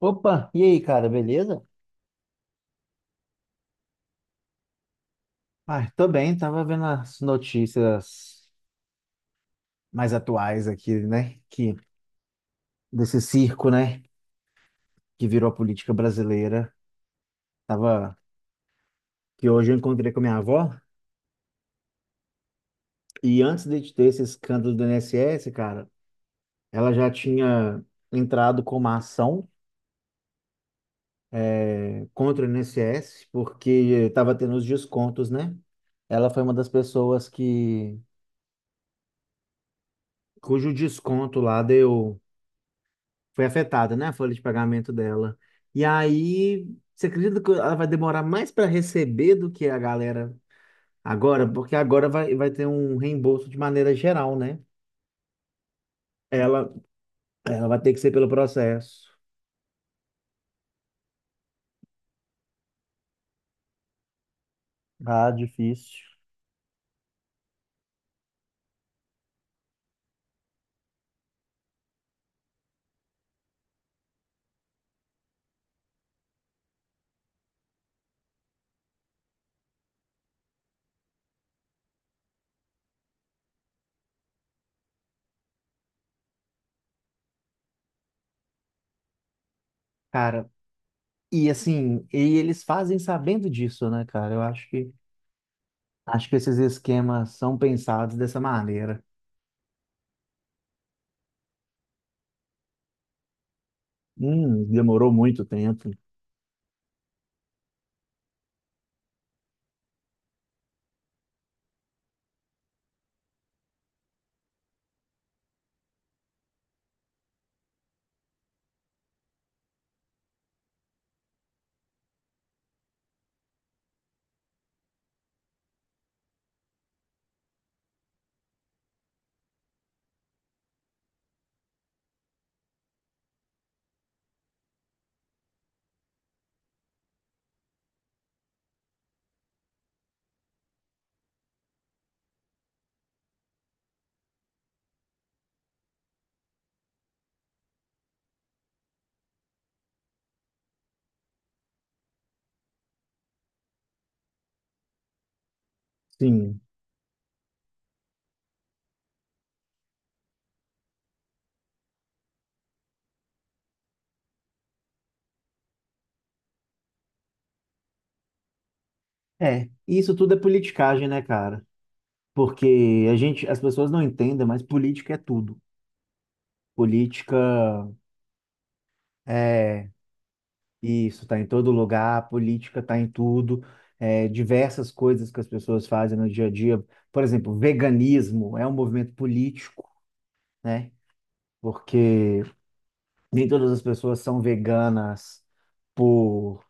Opa, e aí, cara, beleza? Ah, tô bem, tava vendo as notícias mais atuais aqui, né? Que desse circo, né? Que virou a política brasileira. Tava que hoje eu encontrei com a minha avó e antes de ter esse escândalo do INSS, cara, ela já tinha entrado com uma ação contra o INSS porque tava tendo os descontos, né? Ela foi uma das pessoas que cujo desconto lá deu foi afetada, né, a folha de pagamento dela. E aí, você acredita que ela vai demorar mais para receber do que a galera agora? Porque agora vai ter um reembolso de maneira geral, né? Ela, ela vai ter que ser pelo processo. Ah, difícil. Cara, e assim, e eles fazem sabendo disso, né, cara? Eu acho que esses esquemas são pensados dessa maneira. Demorou muito tempo. Sim. É, isso tudo é politicagem, né, cara? Porque a gente, as pessoas não entendem, mas política é tudo. Política é isso, tá em todo lugar, política tá em tudo, é, diversas coisas que as pessoas fazem no dia a dia. Por exemplo, veganismo é um movimento político, né? Porque nem todas as pessoas são veganas por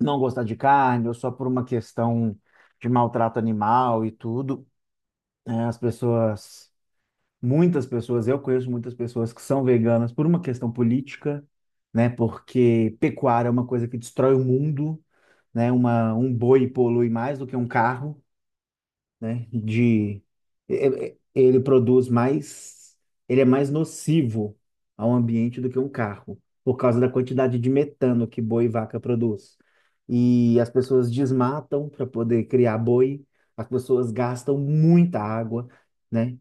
não gostar de carne ou só por uma questão de maltrato animal e tudo, né? As pessoas Muitas pessoas, eu conheço muitas pessoas que são veganas por uma questão política, né? Porque pecuária é uma coisa que destrói o mundo, né? Um boi polui mais do que um carro, né? E- Ele produz mais, ele é mais nocivo ao ambiente do que um carro, por causa da quantidade de metano que boi e vaca produz. E as pessoas desmatam para poder criar boi, as pessoas gastam muita água, né?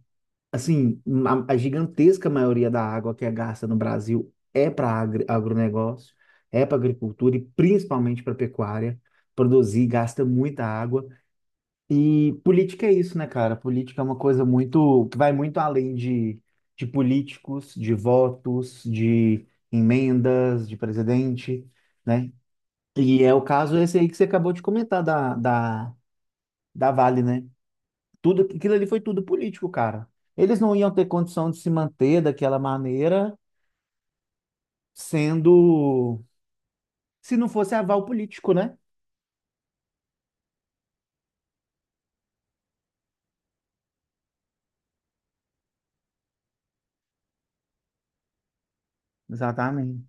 Assim, a gigantesca maioria da água que é gasta no Brasil é para agronegócio, é para agricultura e principalmente para pecuária. Produzir gasta muita água. E política é isso, né, cara? Política é uma coisa muito, que vai muito além de políticos, de votos, de emendas, de presidente, né? E é o caso esse aí que você acabou de comentar da Vale, né? Tudo, aquilo ali foi tudo político, cara. Eles não iam ter condição de se manter daquela maneira, sendo, se não fosse aval político, né? Exatamente.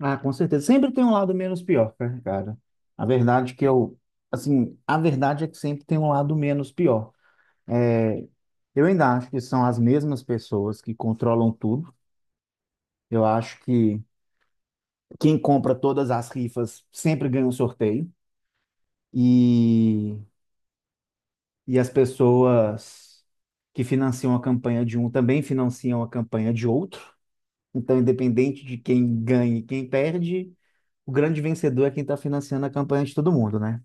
Ah, com certeza. Sempre tem um lado menos pior, né, cara. A verdade que eu, assim, a verdade é que sempre tem um lado menos pior. É, eu ainda acho que são as mesmas pessoas que controlam tudo. Eu acho que quem compra todas as rifas sempre ganha um sorteio. E e as pessoas que financiam a campanha de um também financiam a campanha de outro. Então, independente de quem ganha e quem perde, o grande vencedor é quem está financiando a campanha de todo mundo, né?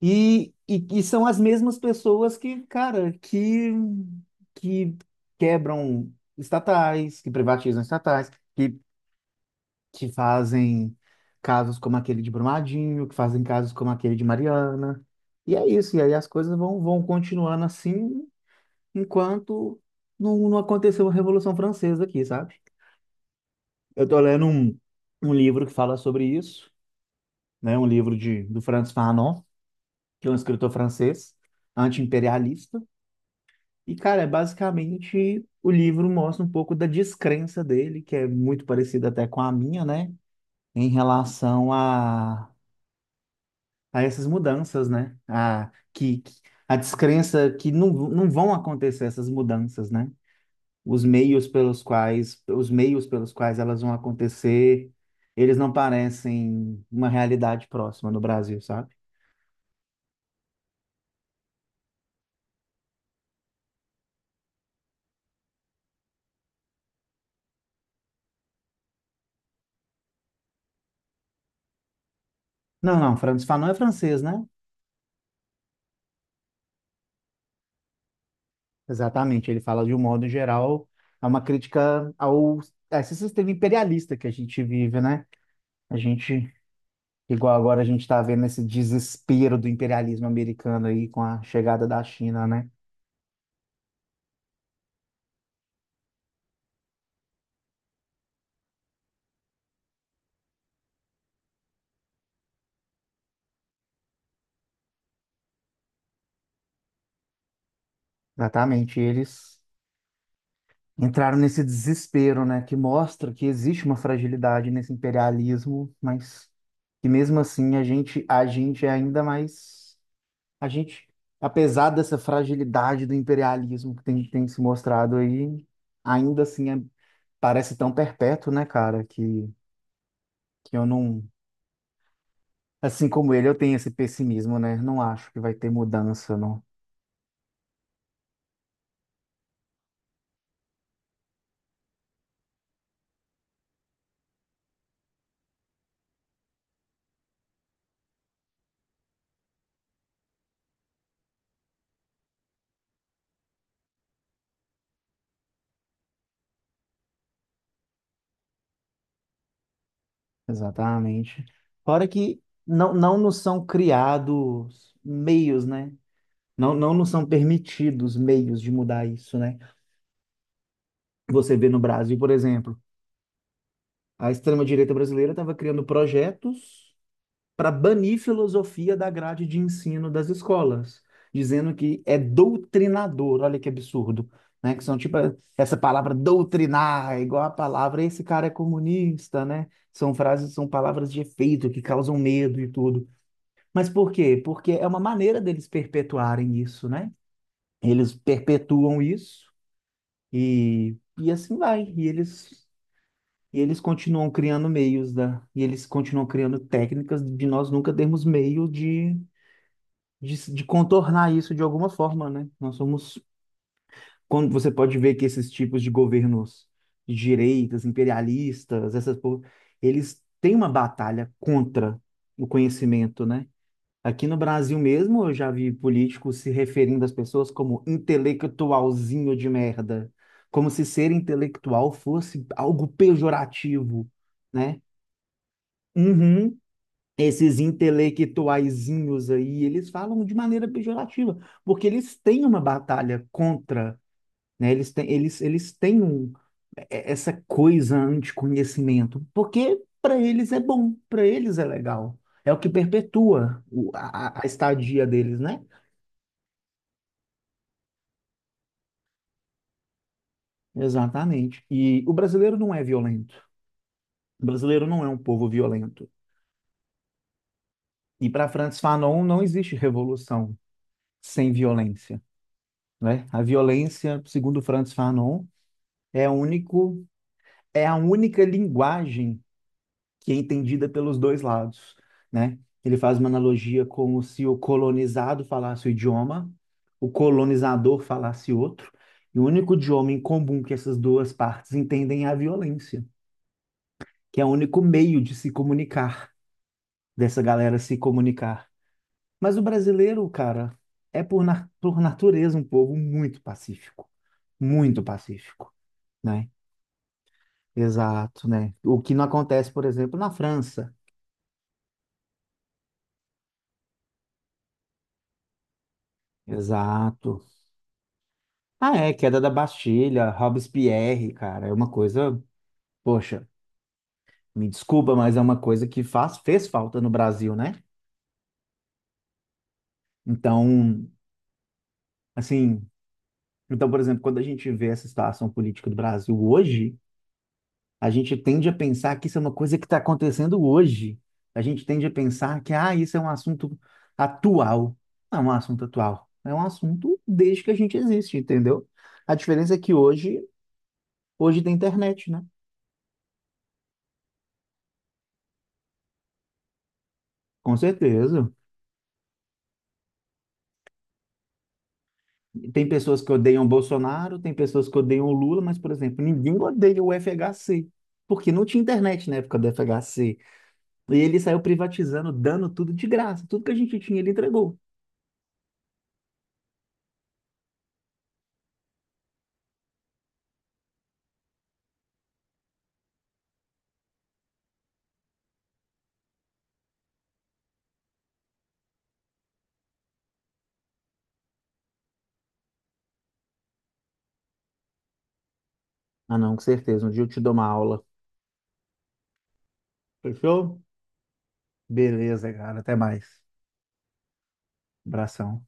E são as mesmas pessoas que, cara, que quebram estatais, que privatizam estatais, que fazem casos como aquele de Brumadinho, que fazem casos como aquele de Mariana. E é isso, e aí as coisas vão continuando assim enquanto não aconteceu a Revolução Francesa aqui, sabe? Eu tô lendo um livro que fala sobre isso, né? Um livro de, do Frantz Fanon, que é um escritor francês, anti-imperialista. E, cara, é basicamente o livro mostra um pouco da descrença dele, que é muito parecida até com a minha, né? Em relação a essas mudanças, né? A descrença que não vão acontecer essas mudanças, né? Os meios pelos quais, os meios pelos quais elas vão acontecer, eles não parecem uma realidade próxima no Brasil, sabe? Não, não, Franz Fanon é francês, né? Exatamente, ele fala de um modo geral, é uma crítica ao a esse sistema imperialista que a gente vive, né? A gente, igual agora a gente está vendo esse desespero do imperialismo americano aí com a chegada da China, né? Exatamente, eles entraram nesse desespero, né, que mostra que existe uma fragilidade nesse imperialismo, mas que mesmo assim a gente é ainda mais a gente, apesar dessa fragilidade do imperialismo que tem, tem se mostrado aí, ainda assim parece tão perpétuo, né, cara, que eu não. Assim como ele, eu tenho esse pessimismo, né? Não acho que vai ter mudança, não. Exatamente. Fora que não nos são criados meios, né? Não nos são permitidos meios de mudar isso, né? Você vê no Brasil, por exemplo, a extrema-direita brasileira estava criando projetos para banir filosofia da grade de ensino das escolas, dizendo que é doutrinador, olha que absurdo, né? Que são tipo essa palavra doutrinar, é igual a palavra esse cara é comunista, né? São frases, são palavras de efeito que causam medo e tudo. Mas por quê? Porque é uma maneira deles perpetuarem isso, né? Eles perpetuam isso. E assim vai. E eles continuam criando meios da, e eles continuam criando técnicas de nós nunca termos meio de contornar isso de alguma forma, né? Nós somos, quando você pode ver que esses tipos de governos de direitas, imperialistas, eles têm uma batalha contra o conhecimento, né? Aqui no Brasil mesmo, eu já vi políticos se referindo às pessoas como intelectualzinho de merda, como se ser intelectual fosse algo pejorativo, né? Uhum. Esses intelectuaizinhos aí, eles falam de maneira pejorativa, porque eles têm uma batalha contra, né? Eles têm, eles têm um, é- Essa coisa anticonhecimento, porque para eles é bom, para eles é legal. É o que perpetua a estadia deles, né? Exatamente. E o brasileiro não é violento. O brasileiro não é um povo violento. E para Frantz Fanon não existe revolução sem violência, né? A violência, segundo Frantz Fanon, é o único, é a única linguagem que é entendida pelos dois lados, né? Ele faz uma analogia como se o colonizado falasse o idioma, o colonizador falasse outro, e o único idioma em comum que essas duas partes entendem é a violência, que é o único meio de se comunicar. Dessa galera se comunicar. Mas o brasileiro, cara, é por, na- por natureza um povo muito pacífico, né? Exato, né? O que não acontece, por exemplo, na França. Exato. Ah, é, queda da Bastilha, Robespierre, cara, é uma coisa, poxa, me desculpa, mas é uma coisa que fez falta no Brasil, né? Então, assim, então, por exemplo, quando a gente vê essa situação política do Brasil hoje, a gente tende a pensar que isso é uma coisa que está acontecendo hoje. A gente tende a pensar que, ah, isso é um assunto atual. Não é um assunto atual. É um assunto desde que a gente existe, entendeu? A diferença é que hoje tem internet, né? Com certeza. Tem pessoas que odeiam o Bolsonaro, tem pessoas que odeiam o Lula, mas, por exemplo, ninguém odeia o FHC, porque não tinha internet na época do FHC. E ele saiu privatizando, dando tudo de graça. Tudo que a gente tinha, ele entregou. Ah, não, com certeza. Um dia eu te dou uma aula. Fechou? Beleza, cara. Até mais. Abração.